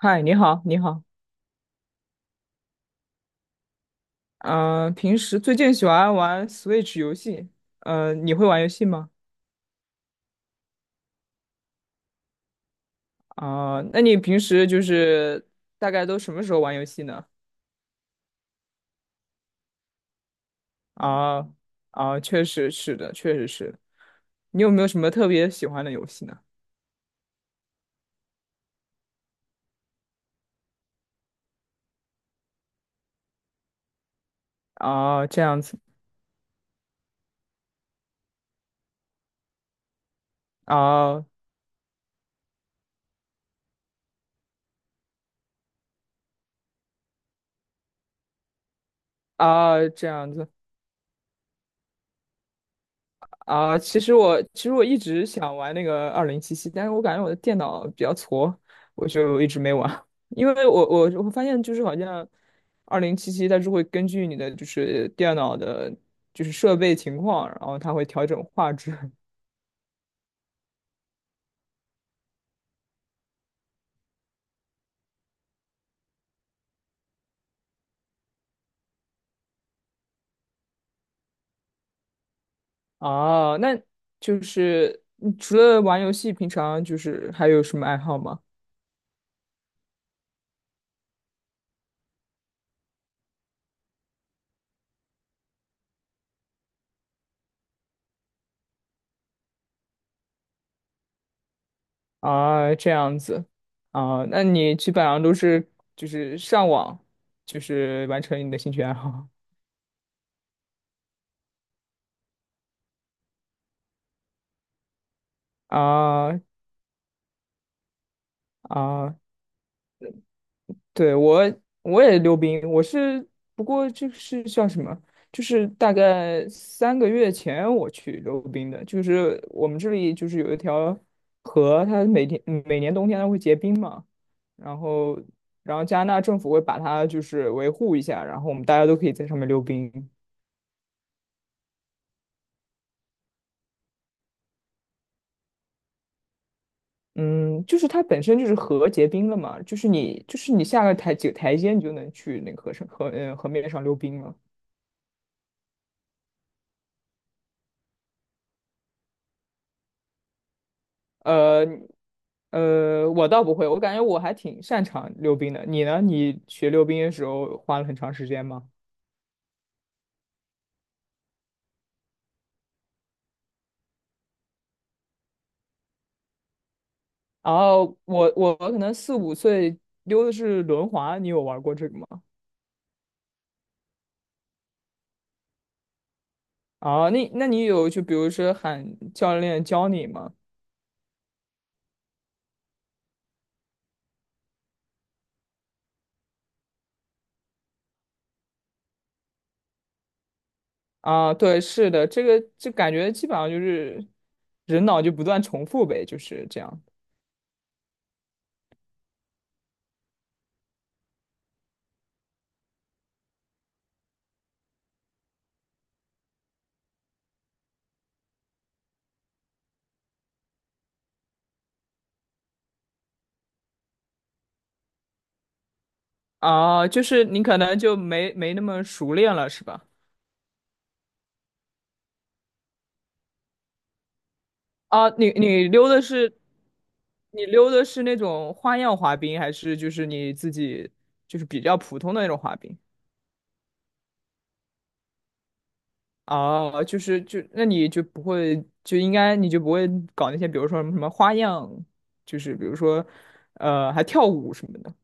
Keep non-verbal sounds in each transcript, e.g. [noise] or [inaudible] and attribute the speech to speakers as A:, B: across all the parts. A: 嗨，你好，你好。嗯、平时最近喜欢玩 Switch 游戏。你会玩游戏吗？啊、那你平时就是大概都什么时候玩游戏呢？啊、啊、确实是的，确实是。你有没有什么特别喜欢的游戏呢？啊、这样子，啊、啊、这样子。啊，其实我一直想玩那个二零七七，但是我感觉我的电脑比较矬，我就一直没玩。[laughs] 因为我发现就是好像二零七七它是会根据你的就是电脑的，就是设备情况，然后它会调整画质。[laughs] 啊。那就是你除了玩游戏，平常就是还有什么爱好吗？啊，这样子啊，那你基本上都是就是上网，就是完成你的兴趣爱好。[laughs] 啊，啊，对，我也溜冰，我是不过就是叫什么？就是大概3个月前我去溜冰的，就是我们这里就是有一条河，它每年冬天它会结冰嘛，然后然后加拿大政府会把它就是维护一下，然后我们大家都可以在上面溜冰。嗯，就是它本身就是河结冰了嘛，就是你下个台几个台阶你就能去那个河面上溜冰了。呃我倒不会，我感觉我还挺擅长溜冰的。你呢？你学溜冰的时候花了很长时间吗？然后我可能4、5岁溜的是轮滑，你有玩过这个吗？啊，那你有就比如说喊教练教你吗？啊，对，是的，这个就感觉基本上就是人脑就不断重复呗，就是这样。啊，就是你可能就没那么熟练了，是吧？啊，你溜的是那种花样滑冰，还是就是你自己就是比较普通的那种滑冰？哦，就是那你就不会就应该你就不会搞那些，比如说什么什么花样，就是比如说还跳舞什么的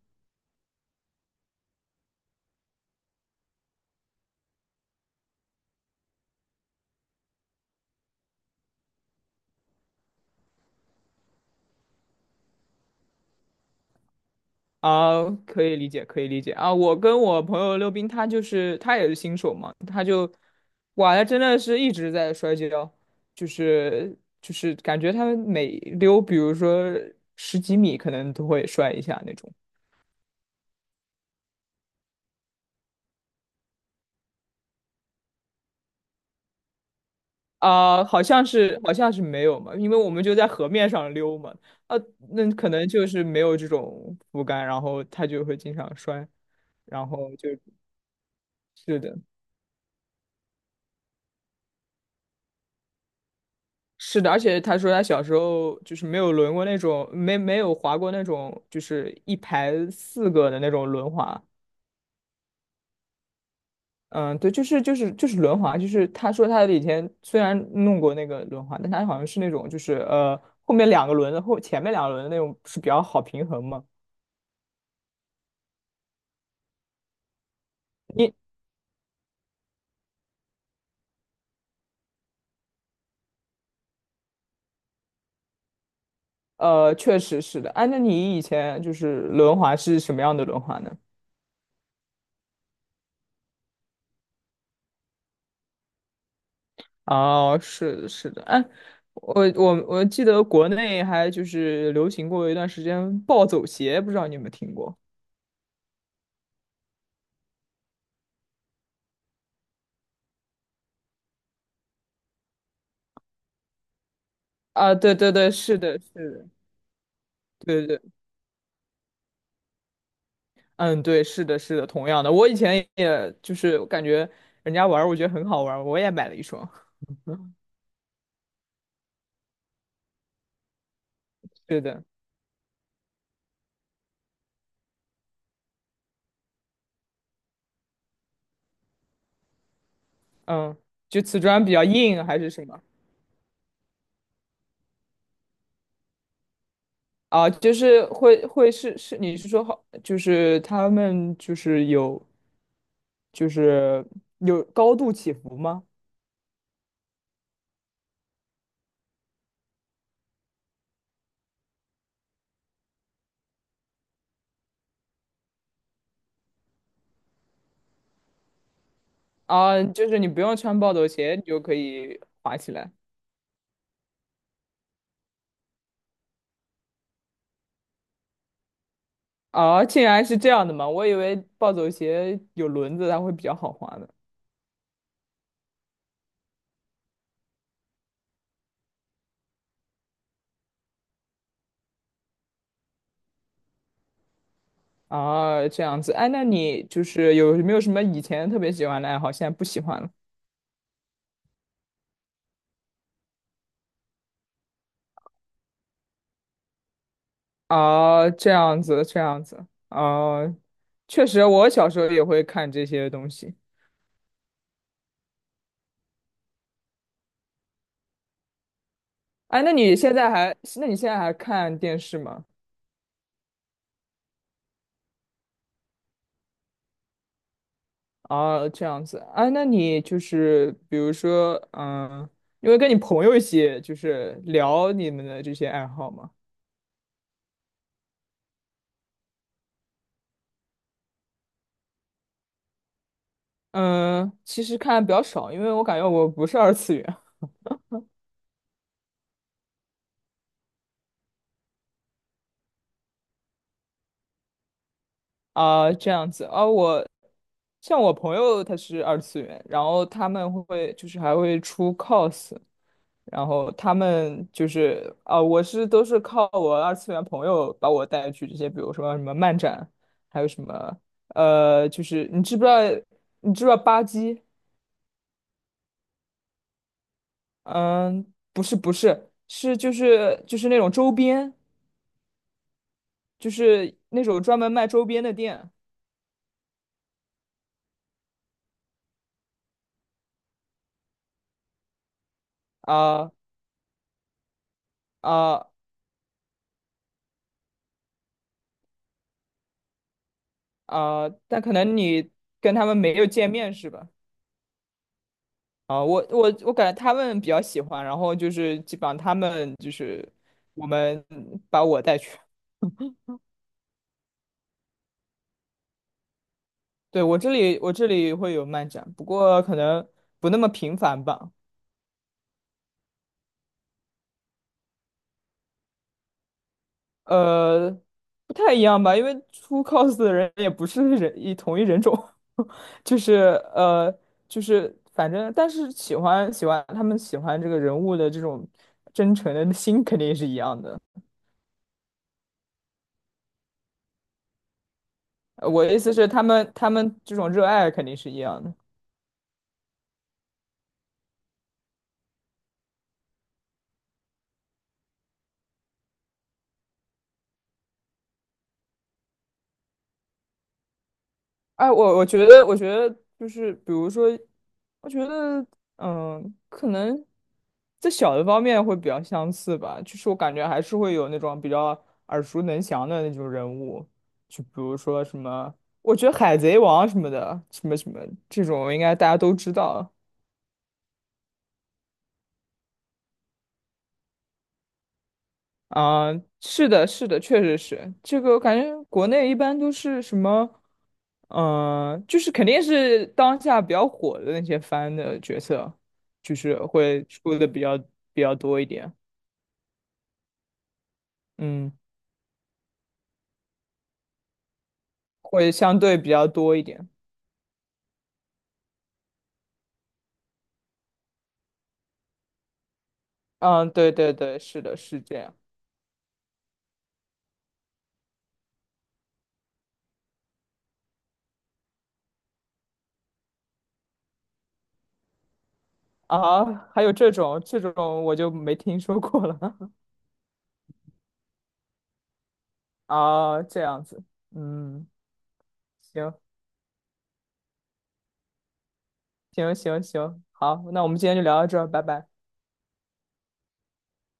A: 啊，可以理解，可以理解啊。我跟我朋友溜冰，他就是他也是新手嘛，哇，他真的是一直在摔跤，就是就是感觉他们每溜，比如说十几米，可能都会摔一下那种。好像是好像是没有嘛，因为我们就在河面上溜嘛，啊，那可能就是没有这种扶杆，然后他就会经常摔，然后就是的，是的，而且他说他小时候就是没有轮过那种，没有滑过那种，就是一排四个的那种轮滑。嗯，对，就是轮滑，就是他说他以前虽然弄过那个轮滑，但他好像是那种就是后面两个轮的前面两个轮的那种是比较好平衡嘛？你确实是的，哎，那你以前就是轮滑是什么样的轮滑呢？哦，是的是的，哎，我记得国内还就是流行过一段时间暴走鞋，不知道你有没有听过？啊，对对对，是的，是的，对对。嗯，对，是的，是的，同样的，我以前也就是我感觉人家玩儿，我觉得很好玩儿，我也买了一双。[laughs] 对的，嗯，就瓷砖比较硬还是什么啊？就是会是，你是说好，就是他们就是有就是有高度起伏吗？啊，就是你不用穿暴走鞋，你就可以滑起来。啊，竟然是这样的吗？我以为暴走鞋有轮子，它会比较好滑呢。啊，这样子，哎，那你就是有没有什么以前特别喜欢的爱好，现在不喜欢了？啊，这样子，这样子，啊，确实，我小时候也会看这些东西。哎，那你现在还，那你现在还看电视吗？啊，这样子，哎，那你就是比如说，嗯，因为跟你朋友一起就是聊你们的这些爱好吗？嗯，其实看的比较少，因为我感觉我不是二次元。啊，这样子啊，像我朋友他是二次元，然后他们会就是还会出 cos，然后他们就是啊，我是都是靠我二次元朋友把我带去这些，比如说什么漫展，还有什么就是你知不知道吧唧？嗯，不是不是，是就是那种周边，就是那种专门卖周边的店啊啊。但可能你跟他们没有见面是吧？啊、我感觉他们比较喜欢，然后就是基本上他们就是我们把我带去。对，我这里会有漫展，不过可能不那么频繁吧。呃，不太一样吧，因为出 cos 的人也不是人一同一人种，[laughs] 就是呃就是反正，但是喜欢喜欢他们喜欢这个人物的这种真诚的心肯定是一样的。我的意思是，他们这种热爱肯定是一样的。哎，我觉得，我觉得就是，比如说，我觉得，嗯，可能在小的方面会比较相似吧。就是我感觉还是会有那种比较耳熟能详的那种人物，就比如说什么，我觉得《海贼王》什么的，什么什么这种，应该大家都知道。啊，是的，是的，确实是这个。我感觉国内一般都是什么，嗯，就是肯定是当下比较火的那些番的角色，就是会出的比较多一点，嗯，会相对比较多一点。嗯，对对对，是的，是这样啊。还有这种我就没听说过了 [laughs] 啊，这样子，嗯，行行行行，好，那我们今天就聊到这儿，拜拜。